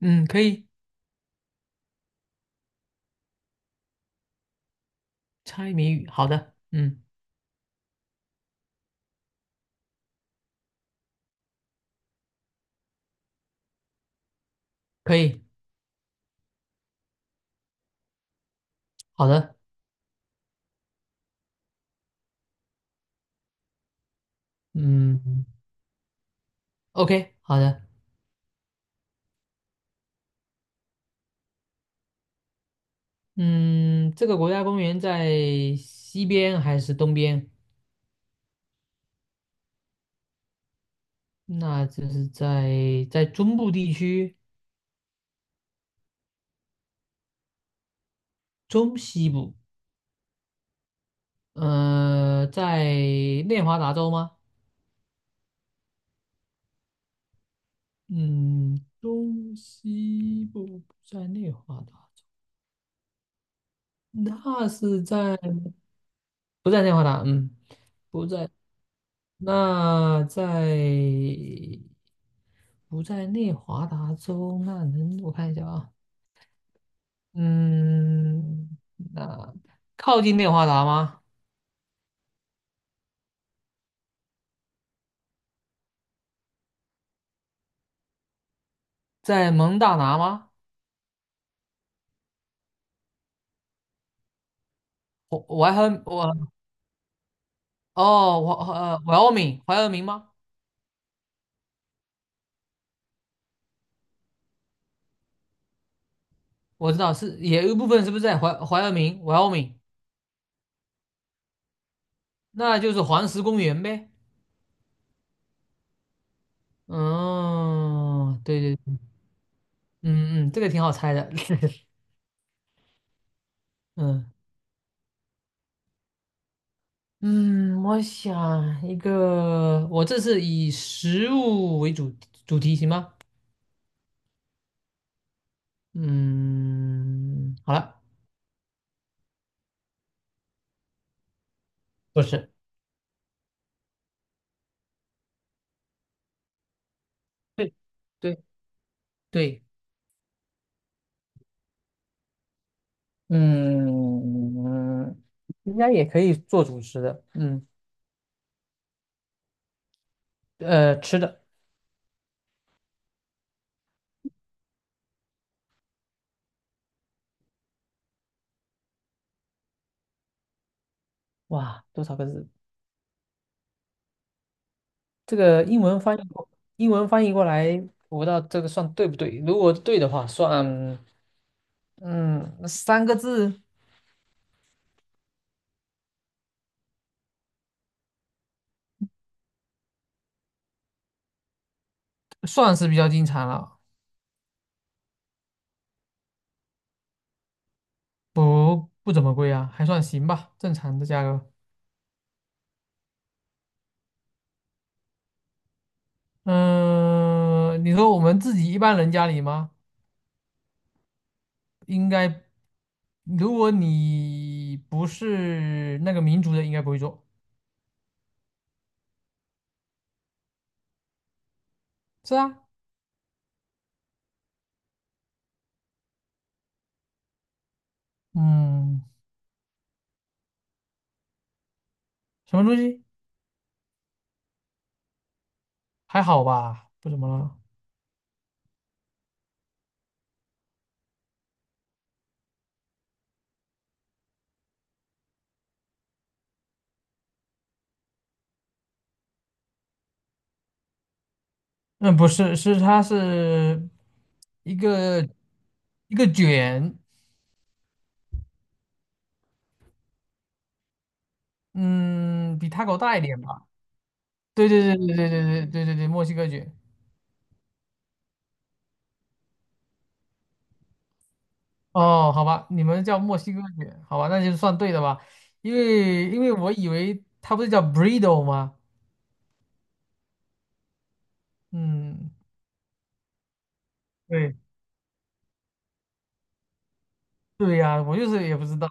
嗯，可以，猜谜语，好的，嗯，可以，好的，嗯，OK，好的，嗯，这个国家公园在西边还是东边？那就是在中部地区，中西部，在内华达州吗？嗯，中西部不在内华达州，那是在不在内华达？嗯，不在，那在。不在内华达州，那能我看一下啊，嗯，那靠近内华达吗？在蒙大拿吗？我我还很我哦，怀俄明，怀俄明吗？我知道是也有一部分是不是在怀俄明，怀俄明，那就是黄石公园呗。嗯，对对，嗯嗯，这个挺好猜的。嗯嗯，我想一个，我这是以食物为主题行吗？嗯，好了，不是，对对对，嗯，应该也可以做主食的，嗯，呃，吃的，哇，多少个字？这个英文翻译过，英文翻译过来，我不知道这个算对不对。如果对的话，算，嗯，三个字算是比较经常了，不怎么贵啊，还算行吧，正常的价格。嗯，你说我们自己一般人家里吗？应该如果你不是那个民族的，应该不会做。是啊，嗯，什么东西？还好吧，不怎么了。嗯，不是，它是一个一个卷，嗯，比 t 狗大一点吧。对对对对对对对对对对，墨西哥卷。哦，好吧，你们叫墨西哥卷，好吧，那就算对的吧。因为我以为它不是叫 b u r r d t o 吗？嗯，对对呀，我就是也不知道。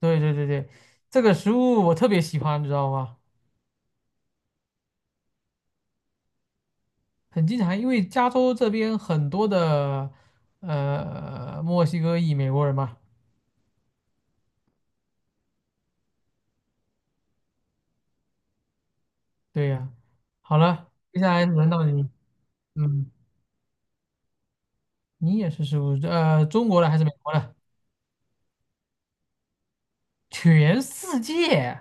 对对对对，这个食物我特别喜欢，你知道吗？很经常，因为加州这边很多的墨西哥裔美国人嘛。对呀、好了，接下来轮到你，嗯，你也是食物，呃，中国的还是美国的？全世界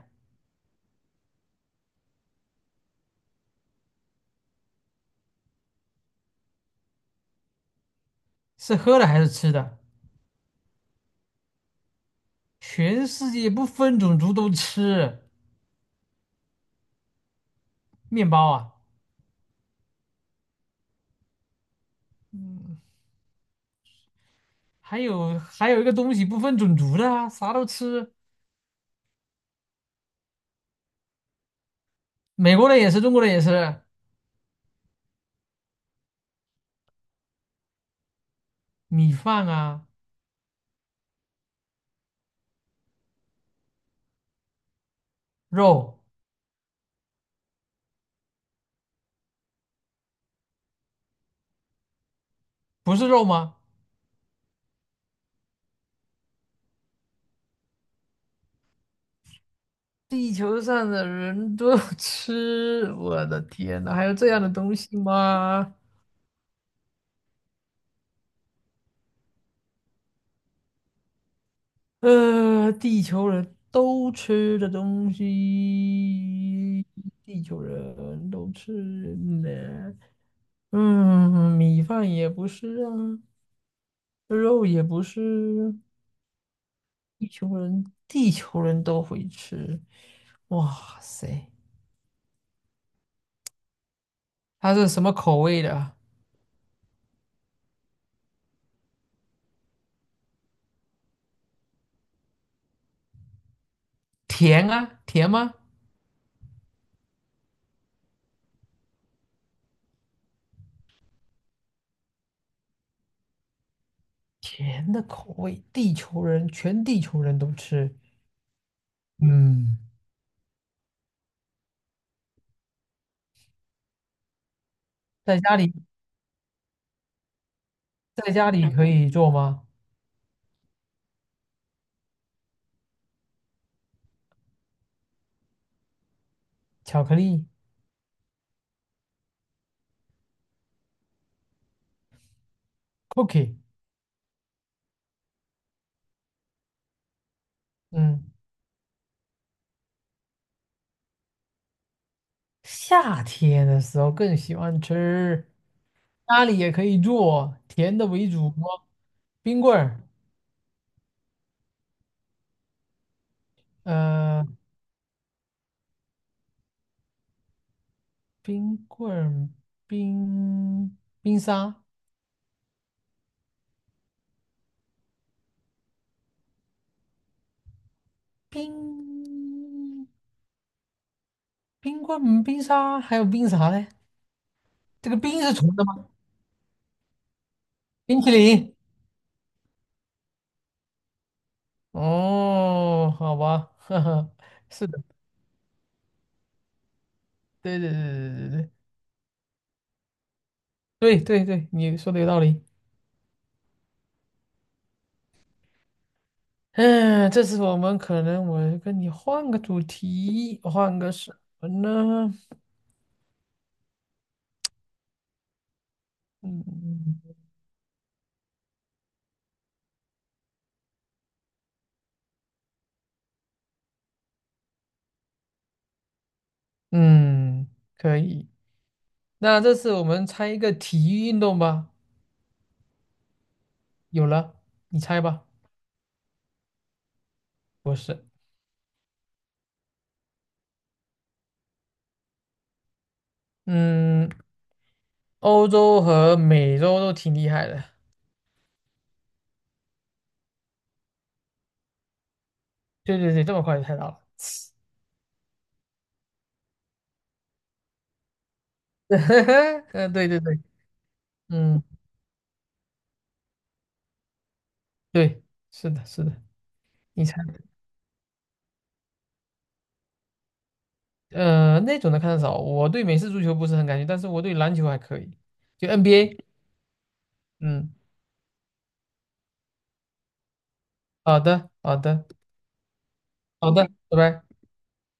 是喝的还是吃的？全世界不分种族都吃面包啊，还有还有一个东西不分种族的啊，啥都吃，美国人也是，中国人也是，米饭啊，肉。不是肉吗？地球上的人都吃，我的天呐，还有这样的东西吗？呃，地球人都吃的东西，地球人都吃呢。嗯，米饭也不是啊，肉也不是，地球人都会吃。哇塞，它是什么口味的啊？甜啊，甜吗？甜的口味，地球人全地球人都吃。嗯，在家里在家里可以做吗？巧克力 cookie。嗯，夏天的时候更喜欢吃，家里也可以做甜的为主哦，冰棍儿，呃，冰棍儿，冰冰沙，冰冰棍儿，嗯冰沙，还有冰啥嘞？这个冰是纯的吗？冰淇淋。哦，好吧，哈哈，是的，对对对对对对对对对，你说的有道理。嗯，这次我们可能我跟你换个主题，换个什么呢？嗯嗯，可以。那这次我们猜一个体育运动吧。有了，你猜吧。不是，嗯，欧洲和美洲都挺厉害的。对对对，这么快就猜到了。嗯，对对对，嗯，对，是的，是的。你猜，呃那种的看的少，我对美式足球不是很感兴趣，但是我对篮球还可以，就 NBA。嗯，好的，好的，好的，拜拜。